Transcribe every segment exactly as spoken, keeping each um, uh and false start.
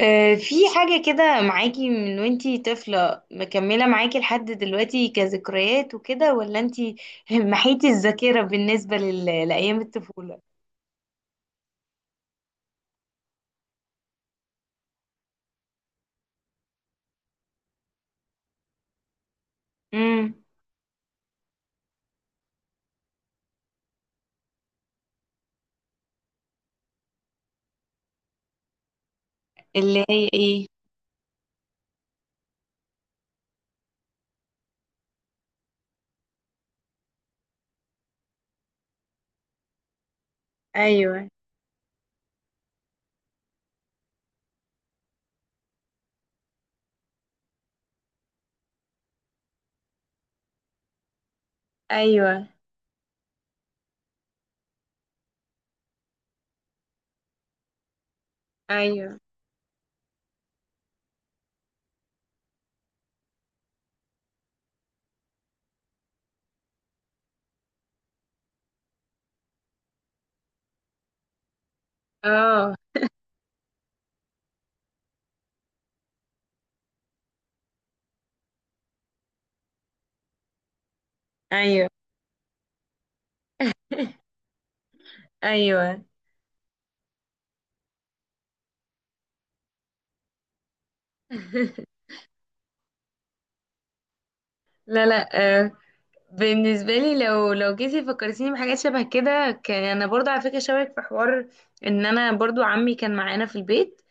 آه، في حاجة كده معاكي من وانتي طفلة مكملة معاكي لحد دلوقتي كذكريات وكده، ولا انتي محيتي الذاكرة بالنسبة لل... لأيام الطفولة؟ امم. اللي هي ايه؟ ايوه. ايوه. ايوه. اه. ايوه. ايوه. لا، لا. آه، بالنسبه لي، لو لو جيتي فكرتيني بحاجات شبه كده، كان انا برضو على فكره شبهك في حوار. ان انا برضو عمي كان معانا في البيت،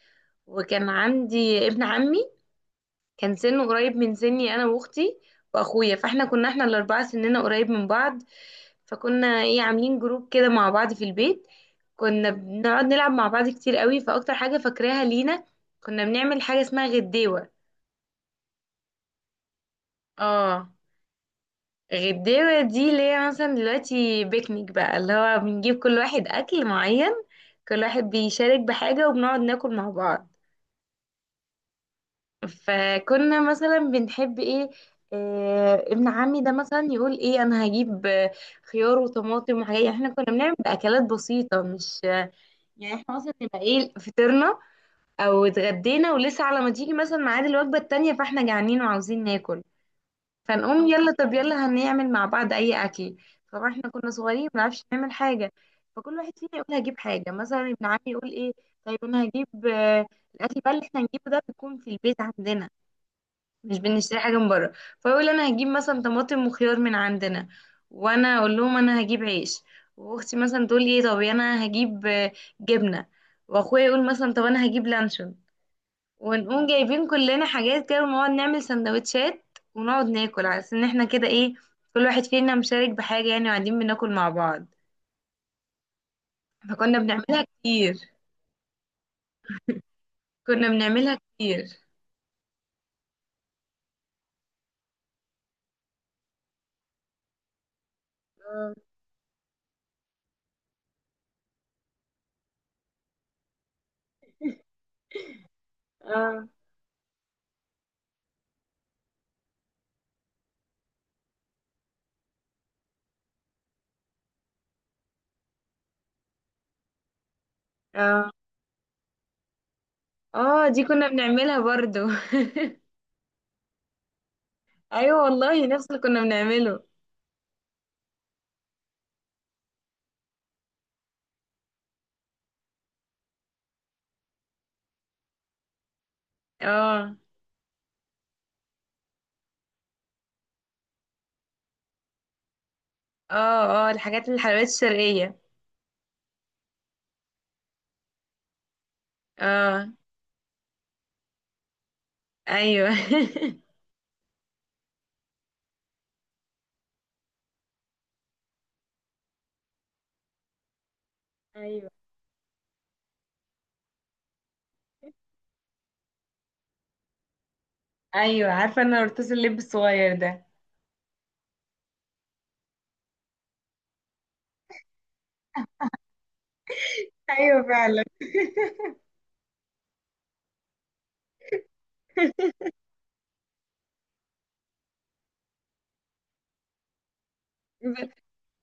وكان عندي ابن عمي كان سنه قريب من سني انا واختي واخويا. فاحنا كنا احنا الاربعه سننا قريب من بعض، فكنا ايه عاملين جروب كده مع بعض في البيت. كنا بنقعد نلعب مع بعض كتير قوي. فاكتر حاجه فاكراها لينا، كنا بنعمل حاجه اسمها غديوه. اه، غديوه دي اللي هي مثلا دلوقتي بيكنيك بقى، اللي هو بنجيب كل واحد اكل معين. كل واحد بيشارك بحاجه وبنقعد ناكل مع بعض. فكنا مثلا بنحب ايه، آه، ابن عمي ده مثلا يقول ايه، انا هجيب آه، خيار وطماطم وحاجات. يعني احنا كنا بنعمل اكلات بسيطه، مش آه، يعني احنا مثلا نبقى ايه فطرنا او اتغدينا، ولسه على ما تيجي مثلا ميعاد الوجبه التانيه فاحنا جعانين وعاوزين ناكل، فنقوم يلا، طب يلا هنعمل مع بعض اي اكل. طبعا احنا كنا صغيرين ما بنعرفش نعمل حاجه، فكل واحد فينا يقول هجيب حاجه. مثلا ابن عمي يقول ايه، طيب انا هجيب آه، الاكل بقى اللي احنا هنجيبه ده بيكون في البيت عندنا، مش بنشتري حاجه من بره. فيقول انا هجيب مثلا طماطم وخيار من عندنا، وانا اقول لهم انا هجيب عيش، واختي مثلا تقول لي طب انا هجيب آه، جبنه، واخويا يقول مثلا طب انا هجيب لانشون. ونقوم جايبين كلنا حاجات كده ونقعد نعمل سندوتشات ونقعد ناكل، على اساس ان احنا كده ايه كل واحد فينا مشارك بحاجه يعني، وقاعدين بناكل مع بعض. فكنا بنعملها كتير. كنا بنعملها كتير. اه. اه. اه. آه، دي كنا بنعملها برضو. ايوه والله، نفس اللي كنا بنعمله. اه. اه اه، الحاجات الحلويات الشرقية. اه. ايوه. ايوه. ايوه، عارفة انا القرطاس اللب الصغير ده. ايوه فعلا. ب-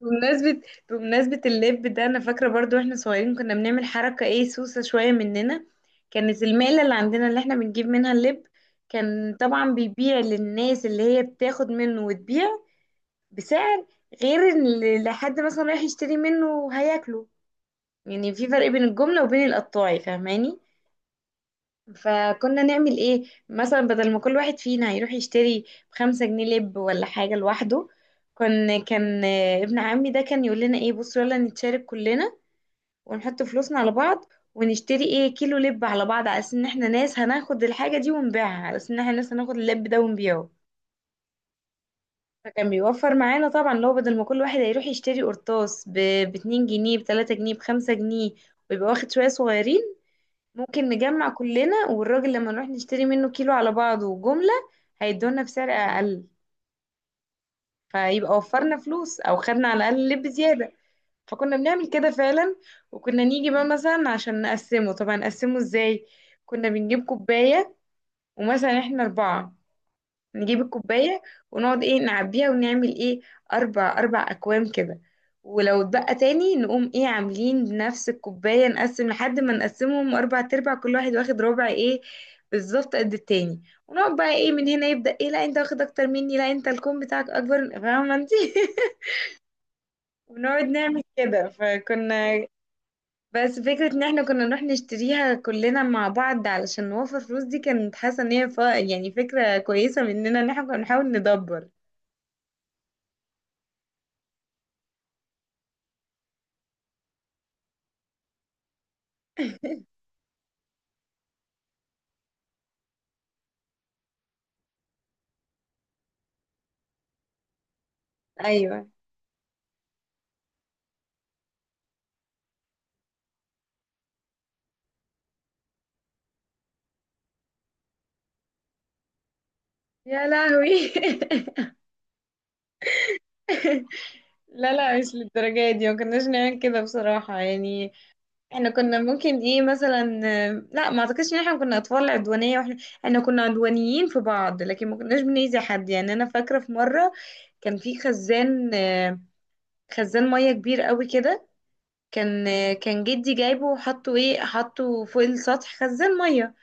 بمناسبة بمناسبة اللب ده انا فاكرة برضو، واحنا صغيرين كنا بنعمل حركة ايه سوسة شوية مننا. كانت المقلة اللي عندنا اللي احنا بنجيب منها اللب، كان طبعا بيبيع للناس اللي هي بتاخد منه وتبيع بسعر غير اللي حد مثلا رايح يشتري منه وهياكله. يعني في فرق بين الجملة وبين القطاعي، فاهماني. فكنا نعمل ايه، مثلا بدل ما كل واحد فينا يروح يشتري بخمسة جنيه لب ولا حاجة لوحده، كان كان آه، ابن عمي ده كان يقول لنا ايه، بصوا يلا نتشارك كلنا ونحط فلوسنا على بعض ونشتري ايه كيلو لب على بعض، على اساس ان احنا ناس هناخد الحاجة دي ونبيعها، على اساس ان احنا ناس هناخد اللب ده ونبيعه. فكان بيوفر معانا طبعا، لو بدل ما كل واحد هيروح يشتري قرطاس ب اتنين جنيه، ب تلاتة جنيه، ب خمسة جنيه، ويبقى واخد شوية صغيرين، ممكن نجمع كلنا والراجل لما نروح نشتري منه كيلو على بعضه وجملة، هيدونا بسعر أقل. فيبقى وفرنا فلوس، أو خدنا على الأقل لب زيادة. فكنا بنعمل كده فعلا. وكنا نيجي بقى مثلا عشان نقسمه، طبعا نقسمه ازاي؟ كنا بنجيب كوباية، ومثلا احنا أربعة، نجيب الكوباية ونقعد ايه نعبيها ونعمل ايه، اربع اربع اكوام كده. ولو اتبقى تاني نقوم ايه عاملين بنفس الكوباية نقسم لحد ما نقسمهم اربع تربع، كل واحد واخد ربع ايه بالظبط قد التاني. ونقعد بقى ايه من هنا يبدأ ايه، لا انت واخد اكتر مني، لا انت الكوم بتاعك اكبر، فاهمة انت؟ ونقعد نعمل كده فكنا. بس فكرة ان احنا كنا نروح نشتريها كلنا مع بعض علشان نوفر فلوس، دي كانت حاسة ان هي ف- يعني فكرة كويسة مننا، ان احنا كنا بنحاول ندبر. ايوه. يا لهوي. لا لا، مش للدرجة دي. ما كناش نعمل كده بصراحة يعني. احنا كنا ممكن ايه مثلا، لا ما اعتقدش ان احنا كنا اطفال عدوانية. واحنا احنا كنا عدوانيين في بعض، لكن ما كناش بنأذي حد. يعني انا فاكرة في مرة، كان في خزان، آه، خزان مية كبير قوي كده، كان آه، كان جدي جايبه وحطه ايه حطه فوق السطح، خزان مية.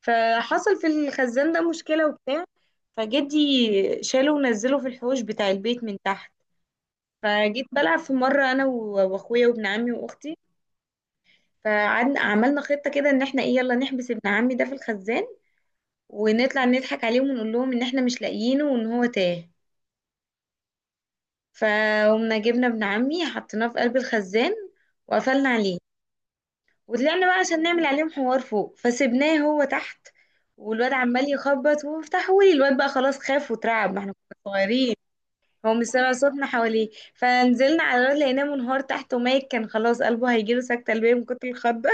فحصل في الخزان ده مشكلة وبتاع، فجدي شاله ونزله في الحوش بتاع البيت من تحت. فجيت بلعب في مرة أنا و- وأخويا وابن عمي وأختي، فقعدنا عملنا خطة كده إن إحنا إيه يلا نحبس ابن عمي ده في الخزان، ونطلع نضحك عليهم ونقول لهم إن إحنا مش لاقيينه وإن هو تاه. فقمنا جبنا ابن عمي حطيناه في قلب الخزان، وقفلنا عليه، وطلعنا بقى عشان نعمل عليهم حوار فوق فسيبناه هو تحت. والواد عمال يخبط وافتحولي، الواد بقى خلاص خاف وترعب، ما احنا كنا صغيرين، هو مش سامع صوتنا حواليه. فنزلنا على الواد لقيناه منهار تحت وميت، كان خلاص قلبه هيجيله سكتة قلبية من كتر الخضة.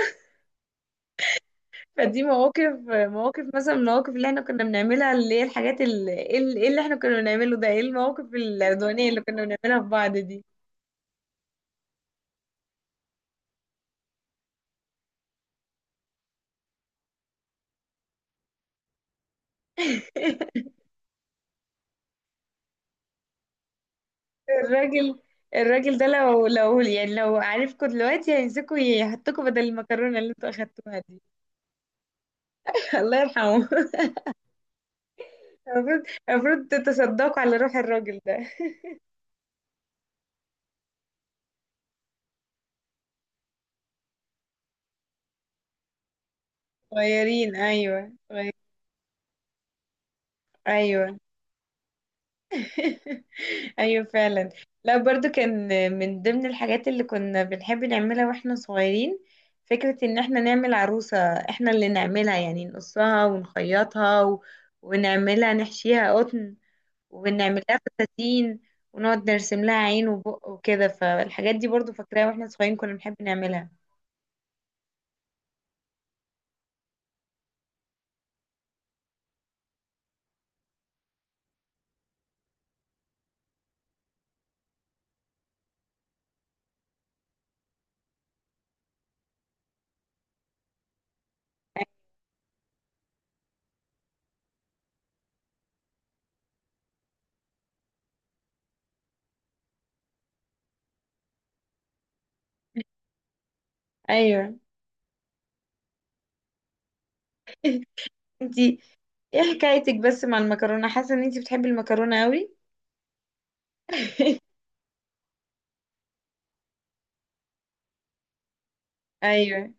فدي مواقف، مواقف مثلا من المواقف اللي احنا كنا بنعملها، اللي هي الحاجات اللي, ايه اللي اللي احنا كنا بنعمله ده، ايه المواقف العدوانية اللي كنا بنعملها في بعض دي. الراجل الراجل ده لو لو يعني لو عارفكوا دلوقتي هيمسكوا يحطكوا بدل المكرونة اللي انتوا اخدتوها دي. الله يرحمه. المفروض المفروض تتصدقوا على روح الراجل ده. صغيرين ايوه، صغير- ايوه. ايوه فعلا. لا برضو كان من ضمن الحاجات اللي كنا بنحب نعملها واحنا صغيرين، فكرة ان احنا نعمل عروسة احنا اللي نعملها، يعني نقصها ونخيطها و... ونعملها نحشيها قطن، وبنعمل لها فساتين، ونقعد نرسم لها عين وبق وكده. فالحاجات دي برضو فاكراها واحنا صغيرين كنا بنحب نعملها. ايوه. انتي ايه حكايتك بس مع المكرونه، حاسه ان انتي بتحبي المكرونه قوي. ايوه.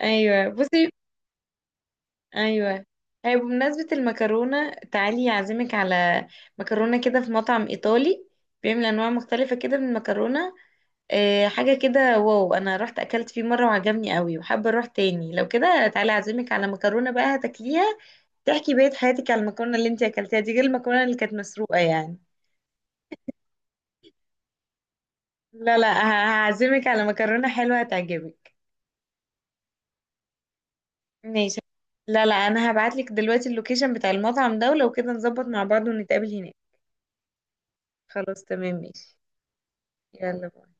ايوه بصي. ايوه هي، بمناسبة المكرونة، تعالي اعزمك على مكرونة كده في مطعم ايطالي بيعمل انواع مختلفة كده من المكرونة. آه، حاجة كده واو، انا رحت اكلت فيه مرة وعجبني قوي، وحابة اروح تاني. لو كده تعالي اعزمك على مكرونة بقى هتاكليها، تحكي بقية حياتك على المكرونة اللي انت اكلتيها دي، غير المكرونة اللي كانت مسروقة يعني. لا لا، ه- هعزمك على مكرونة حلوة هتعجبك. ماشي. لا لا، انا هبعتلك دلوقتي اللوكيشن بتاع المطعم ده، ولو كده نظبط مع بعض ونتقابل هناك. خلاص تمام ماشي. يلا.